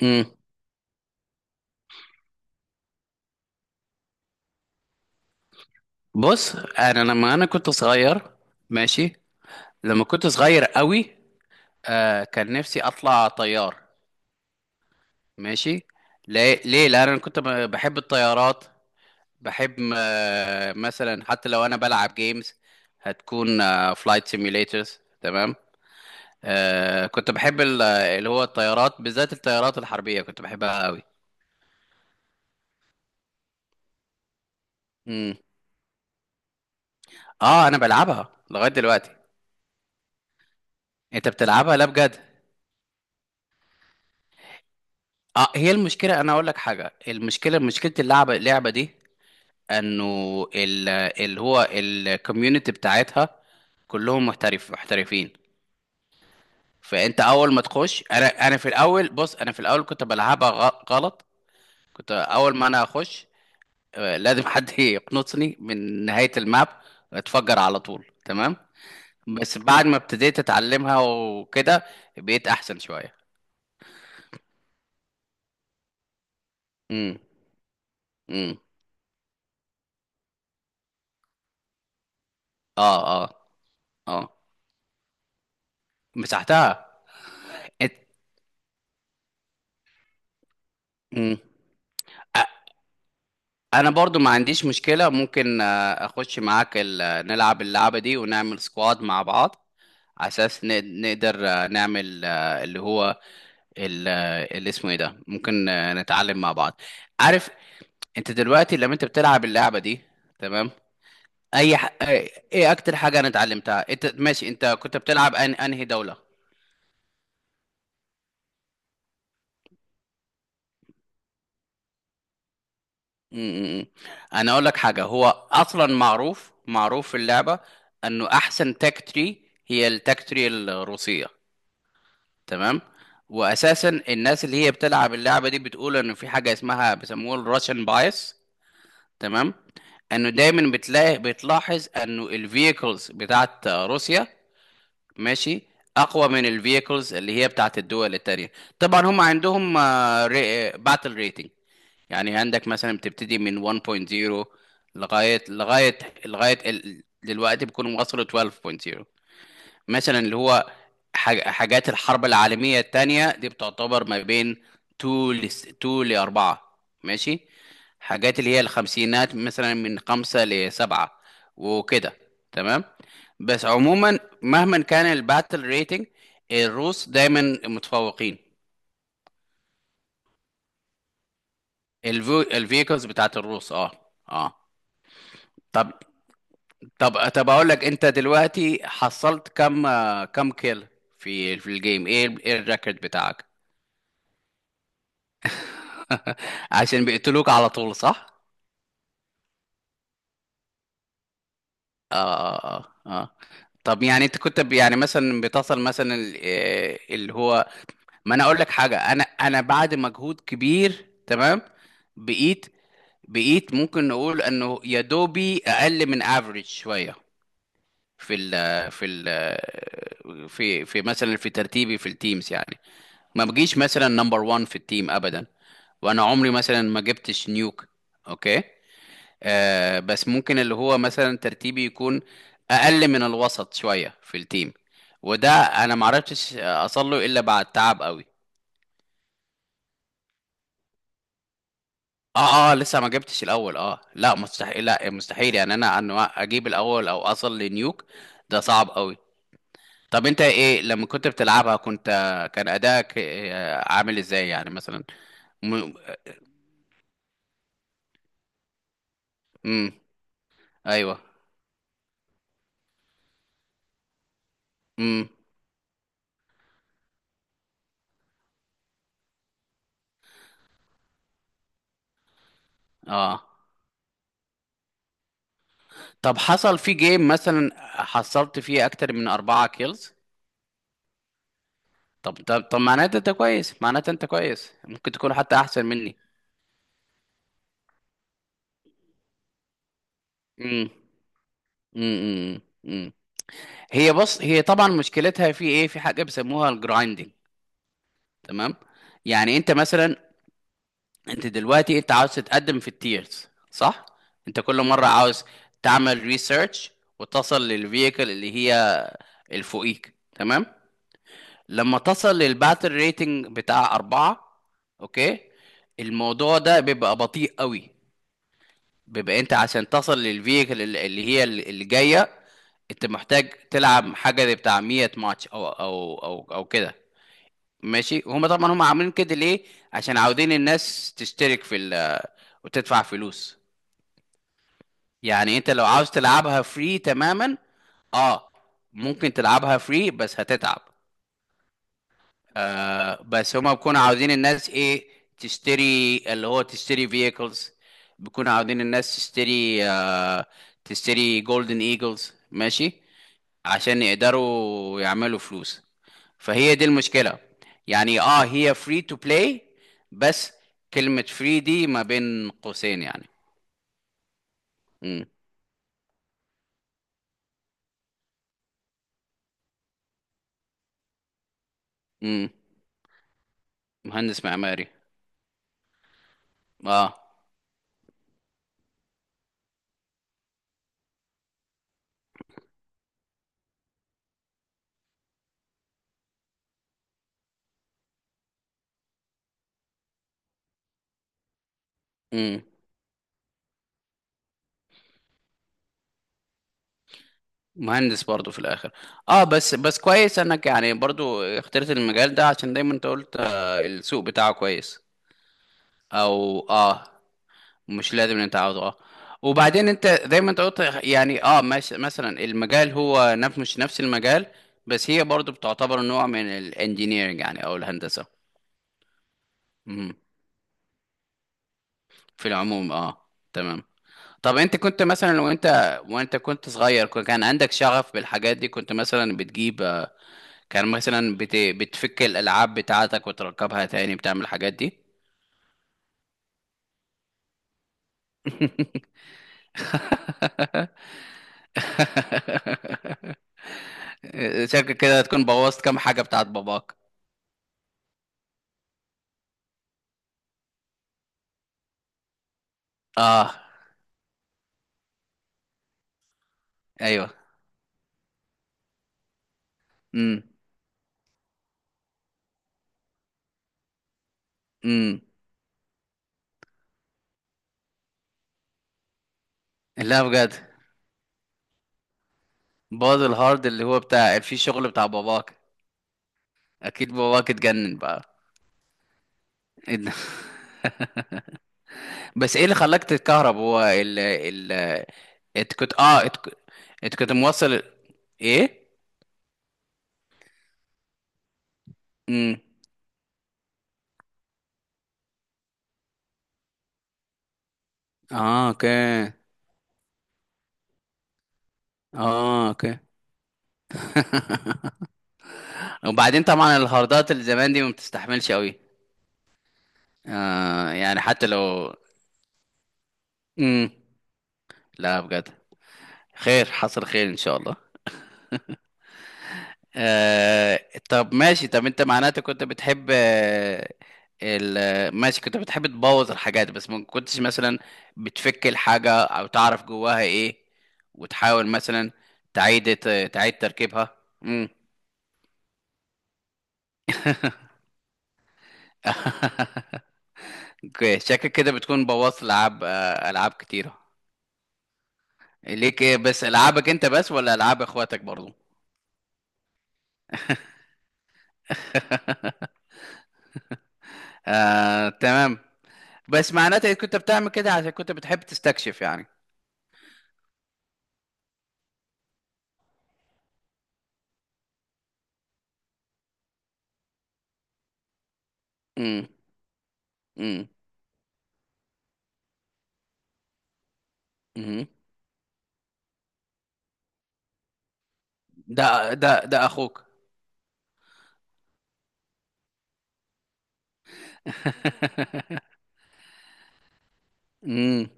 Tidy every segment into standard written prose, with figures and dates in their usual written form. امم بص، انا لما كنت صغير. ماشي. لما كنت صغير قوي، كان نفسي اطلع طيار. ماشي. ليه؟ لان انا كنت بحب الطيارات. بحب، مثلا حتى لو انا بلعب جيمز، هتكون فلايت سيميوليترز. تمام. كنت بحب اللي هو الطيارات، بالذات الطيارات الحربية، كنت بحبها قوي. امم اه، انا بلعبها لغاية دلوقتي. انت بتلعبها؟ لا، بجد؟ اه. هي المشكله، انا اقول لك حاجه، المشكله، مشكله اللعبه اللعبه دي، انه ال- اللي هو الكوميونتي بتاعتها كلهم محترفين. فانت اول ما تخش، انا في الاول، بص، انا في الاول كنت بلعبها غلط. كنت اول ما انا اخش، لازم حد يقنصني من نهايه الماب، اتفجر على طول. تمام. بس بعد ما ابتديت اتعلمها وكده، بقيت احسن شويه. امم امم اه، اه. اه، مسحتها. إت- مم. انا برضو ما عنديش مشكلة، ممكن اخش معاك نلعب اللعبة دي ونعمل سكواد مع بعض، على اساس نقدر نعمل، اللي هو، اللي اسمه ايه ده، ممكن نتعلم مع بعض، عارف؟ انت دلوقتي لما انت بتلعب اللعبة دي، تمام، اي ح... ايه إيه اكتر حاجة انا اتعلمتها؟ انت ماشي، انت كنت بتلعب انهي دولة؟ م- م- م. انا اقول لك حاجة، هو اصلا معروف في اللعبة انه احسن تاك تري هي التاك تري الروسية. تمام. واساسا الناس اللي هي بتلعب اللعبه دي بتقول ان في حاجه اسمها بيسموها الراشن بايس. تمام. انه دايما بتلاحظ انه الفييكلز بتاعت روسيا، ماشي، اقوى من الفييكلز اللي هي بتاعت الدول التانية. طبعا هم عندهم باتل ريتنج، يعني عندك مثلا بتبتدي من 1.0 لغايه لغايه لغايه دلوقتي بيكونوا وصلوا 12.0. مثلا اللي هو، حاجات الحرب العالمية التانية دي بتعتبر ما بين 2 ل، 2 ل 4. ماشي. حاجات اللي هي الخمسينات، مثلا من 5 ل 7، وكده. تمام. بس عموما مهما كان الباتل ريتنج، الروس دايما متفوقين. الفيكلز بتاعت الروس، اه. اه. طب طب طب اقول لك، انت دلوقتي حصلت كم، كم كيل في الجيم؟ ايه ايه الريكورد بتاعك؟ عشان بيقتلوك على طول، صح؟ اه، اه. اه. طب يعني انت كنت يعني مثلا بتصل مثلا اللي هو، ما انا اقول لك حاجه، انا بعد مجهود كبير، تمام، بقيت، بقيت ممكن نقول انه يا دوبي اقل من افريج شويه في ال في ال في في مثلا في ترتيبي في التيمز يعني. ما بجيش مثلا نمبر 1 في التيم ابدا، وانا عمري مثلا ما جبتش نيوك. اوكي. بس ممكن اللي هو مثلا ترتيبي يكون اقل من الوسط شويه في التيم، وده انا ما عرفتش اصل له الا بعد تعب قوي. اه، اه، لسه ما جبتش الاول. اه، لا مستحيل، لا مستحيل يعني انا ان اجيب الاول او اصل لنيوك، ده صعب قوي. طب انت، ايه لما كنت بتلعبها؟ كنت، كان ادائك، عامل ازاي يعني مثلا؟ م... م... ايوه. م... اه. طب حصل في جيم مثلا، حصلت فيه اكتر من اربعة كيلز؟ طب طب معناته انت كويس، ممكن تكون حتى احسن مني. امم امم امم هي بص، هي طبعا مشكلتها في ايه؟ في حاجه بيسموها الجرايندنج. تمام. يعني انت مثلا، انت دلوقتي انت عاوز تتقدم في التيرز، صح؟ انت كل مره عاوز تعمل ريسيرش وتصل للفييكل اللي هي الفوقيك. تمام. لما تصل للباتل ريتنج بتاع أربعة، أوكي، الموضوع ده بيبقى بطيء قوي. بيبقى انت عشان تصل للفيكل اللي هي اللي جايه، انت محتاج تلعب حاجه زي بتاع 100 ماتش او كده. ماشي. هما طبعا هما عاملين كده ليه؟ عشان عاوزين الناس تشترك في ال، وتدفع فلوس. يعني انت لو عاوز تلعبها فري تماما، اه، ممكن تلعبها فري، بس هتتعب. بس هما بيكونوا عاوزين الناس ايه، تشتري اللي هو تشتري vehicles، بيكونوا عاوزين الناس تشتري، تشتري جولدن ايجلز، ماشي، عشان يقدروا يعملوا فلوس. فهي دي المشكلة. يعني اه، هي فري تو بلاي، بس كلمة فري دي ما بين قوسين يعني. امم امم مهندس معماري. اه، مهندس برضو في الاخر. اه بس، بس كويس انك يعني برضو اخترت المجال ده، عشان دايما انت قلت السوق بتاعه كويس. او اه، مش لازم إن انت عاوزه اه. وبعدين انت دايما انت قلت يعني اه، مش مثلا المجال هو مش نفس المجال، بس هي برضو بتعتبر نوع من الانجينيرنج يعني، او الهندسة. مهم. في العموم، اه تمام. طب انت كنت مثلا، وانت كنت صغير، كان عندك شغف بالحاجات دي؟ كنت مثلا بتجيب، كان مثلا بتفك الالعاب بتاعتك وتركبها تاني، بتعمل الحاجات دي؟ شكل كده تكون بوظت كام حاجه بتاعت باباك. اه. ايوه. امم امم لا، بجد؟ باظ الهارد اللي هو بتاع في شغل بتاع باباك؟ اكيد باباك اتجنن بقى. إيه ده؟ بس ايه اللي خلاك تتكهرب؟ هو ال ال انت كنت اه، انت كنت، إنت كنت موصل، ايه. امم. اه اوكي. اه اوكي. وبعدين طبعا الهاردات اللي زمان دي ما بتستحملش قوي. يعني حتى لو. امم. لا، بجد. خير، حصل خير ان شاء الله. آه طب ماشي، طب انت معناته كنت بتحب ماشي، كنت بتحب تبوظ الحاجات، بس ما كنتش مثلا بتفك الحاجة او تعرف جواها ايه، وتحاول مثلا تعيد، تعيد تركيبها. امم. اوكي، شكلك كده بتكون بوظت العاب، العاب كتيرة. ليك إيه بس؟ العابك انت بس ولا العاب اخواتك برضو؟ تمام. بس معناته إنك كنت بتعمل كده عشان كنت بتحب تستكشف يعني. امم امم امم ده ده اخوك. امم.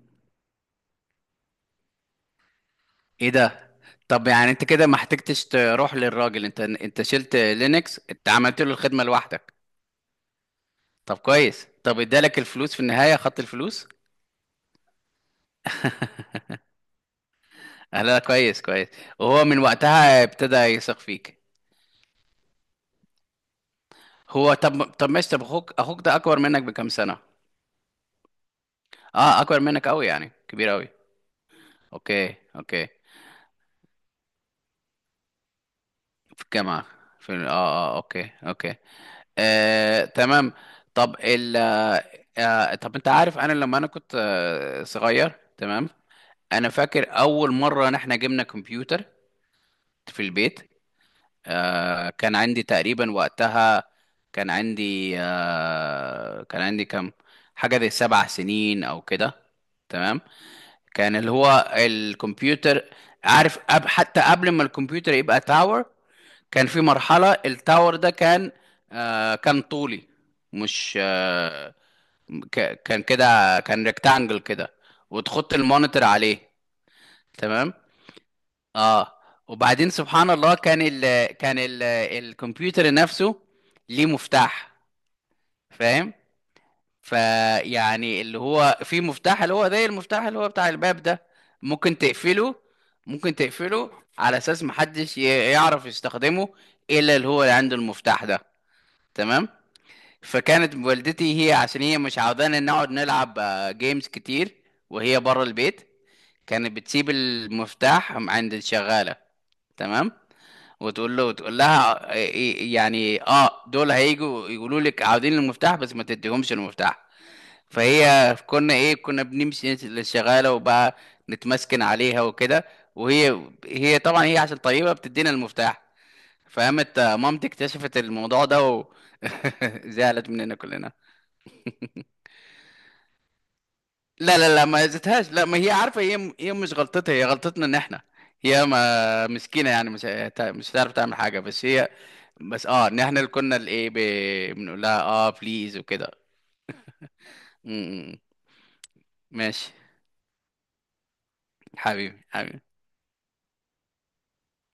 ايه ده؟ طب يعني انت كده ما احتجتش تروح للراجل، انت، انت شلت لينكس، انت عملت له الخدمه لوحدك. طب كويس، طب ادالك الفلوس في النهايه؟ خدت الفلوس؟ لا، كويس كويس. وهو من وقتها ابتدى يثق فيك. هو، طب ماشي، طب اخوك، اخوك ده اكبر منك بكام سنة؟ اه، اكبر منك قوي يعني، كبير قوي. اوكي اوكي. في الجامعة، في اه، اه اوكي اوكي. تمام. طب ال، طب انت عارف، انا لما انا كنت صغير، تمام، انا فاكر اول مرة ان احنا جبنا كمبيوتر في البيت. كان عندي تقريبا وقتها، كان عندي، كان عندي كام، حاجة زي سبع سنين او كده. تمام. كان اللي هو الكمبيوتر، عارف أب، حتى قبل ما الكمبيوتر يبقى تاور، كان في مرحلة التاور ده كان، كان طولي، مش كان كده، كان ريكتانجل كده، وتحط المونيتور عليه. تمام. اه. وبعدين سبحان الله، كان ال كان ال الكمبيوتر نفسه ليه مفتاح، فاهم؟ فيعني اللي هو في مفتاح اللي هو زي المفتاح اللي هو بتاع الباب ده، ممكن تقفله، ممكن تقفله على اساس محدش يعرف يستخدمه الا اللي هو اللي عنده المفتاح ده. تمام. فكانت والدتي، هي عشان هي مش عاوزانا نقعد نلعب، جيمز كتير وهي بره البيت، كانت بتسيب المفتاح عند الشغالة. تمام. وتقول له، وتقول لها، يعني اه، دول هيجوا يقولوا لك عاوزين المفتاح، بس ما تديهمش المفتاح. فهي كنا ايه، كنا بنمشي للشغاله وبقى نتمسكن عليها وكده، وهي، هي طبعا هي عشان طيبه بتدينا المفتاح. فقامت، مامتي اكتشفت الموضوع ده، و زعلت مننا كلنا. لا لا ما زتهاش، لا، ما هي عارفه، هي، هي مش غلطتها، هي غلطتنا ان احنا، هي ما مسكينه يعني، مش مش هتعرف تعمل حاجه، بس هي، بس اه، ان احنا اللي كنا الايه، بنقول لها اه بليز وكده. م- م- ماشي. حبيبي، حبيبي.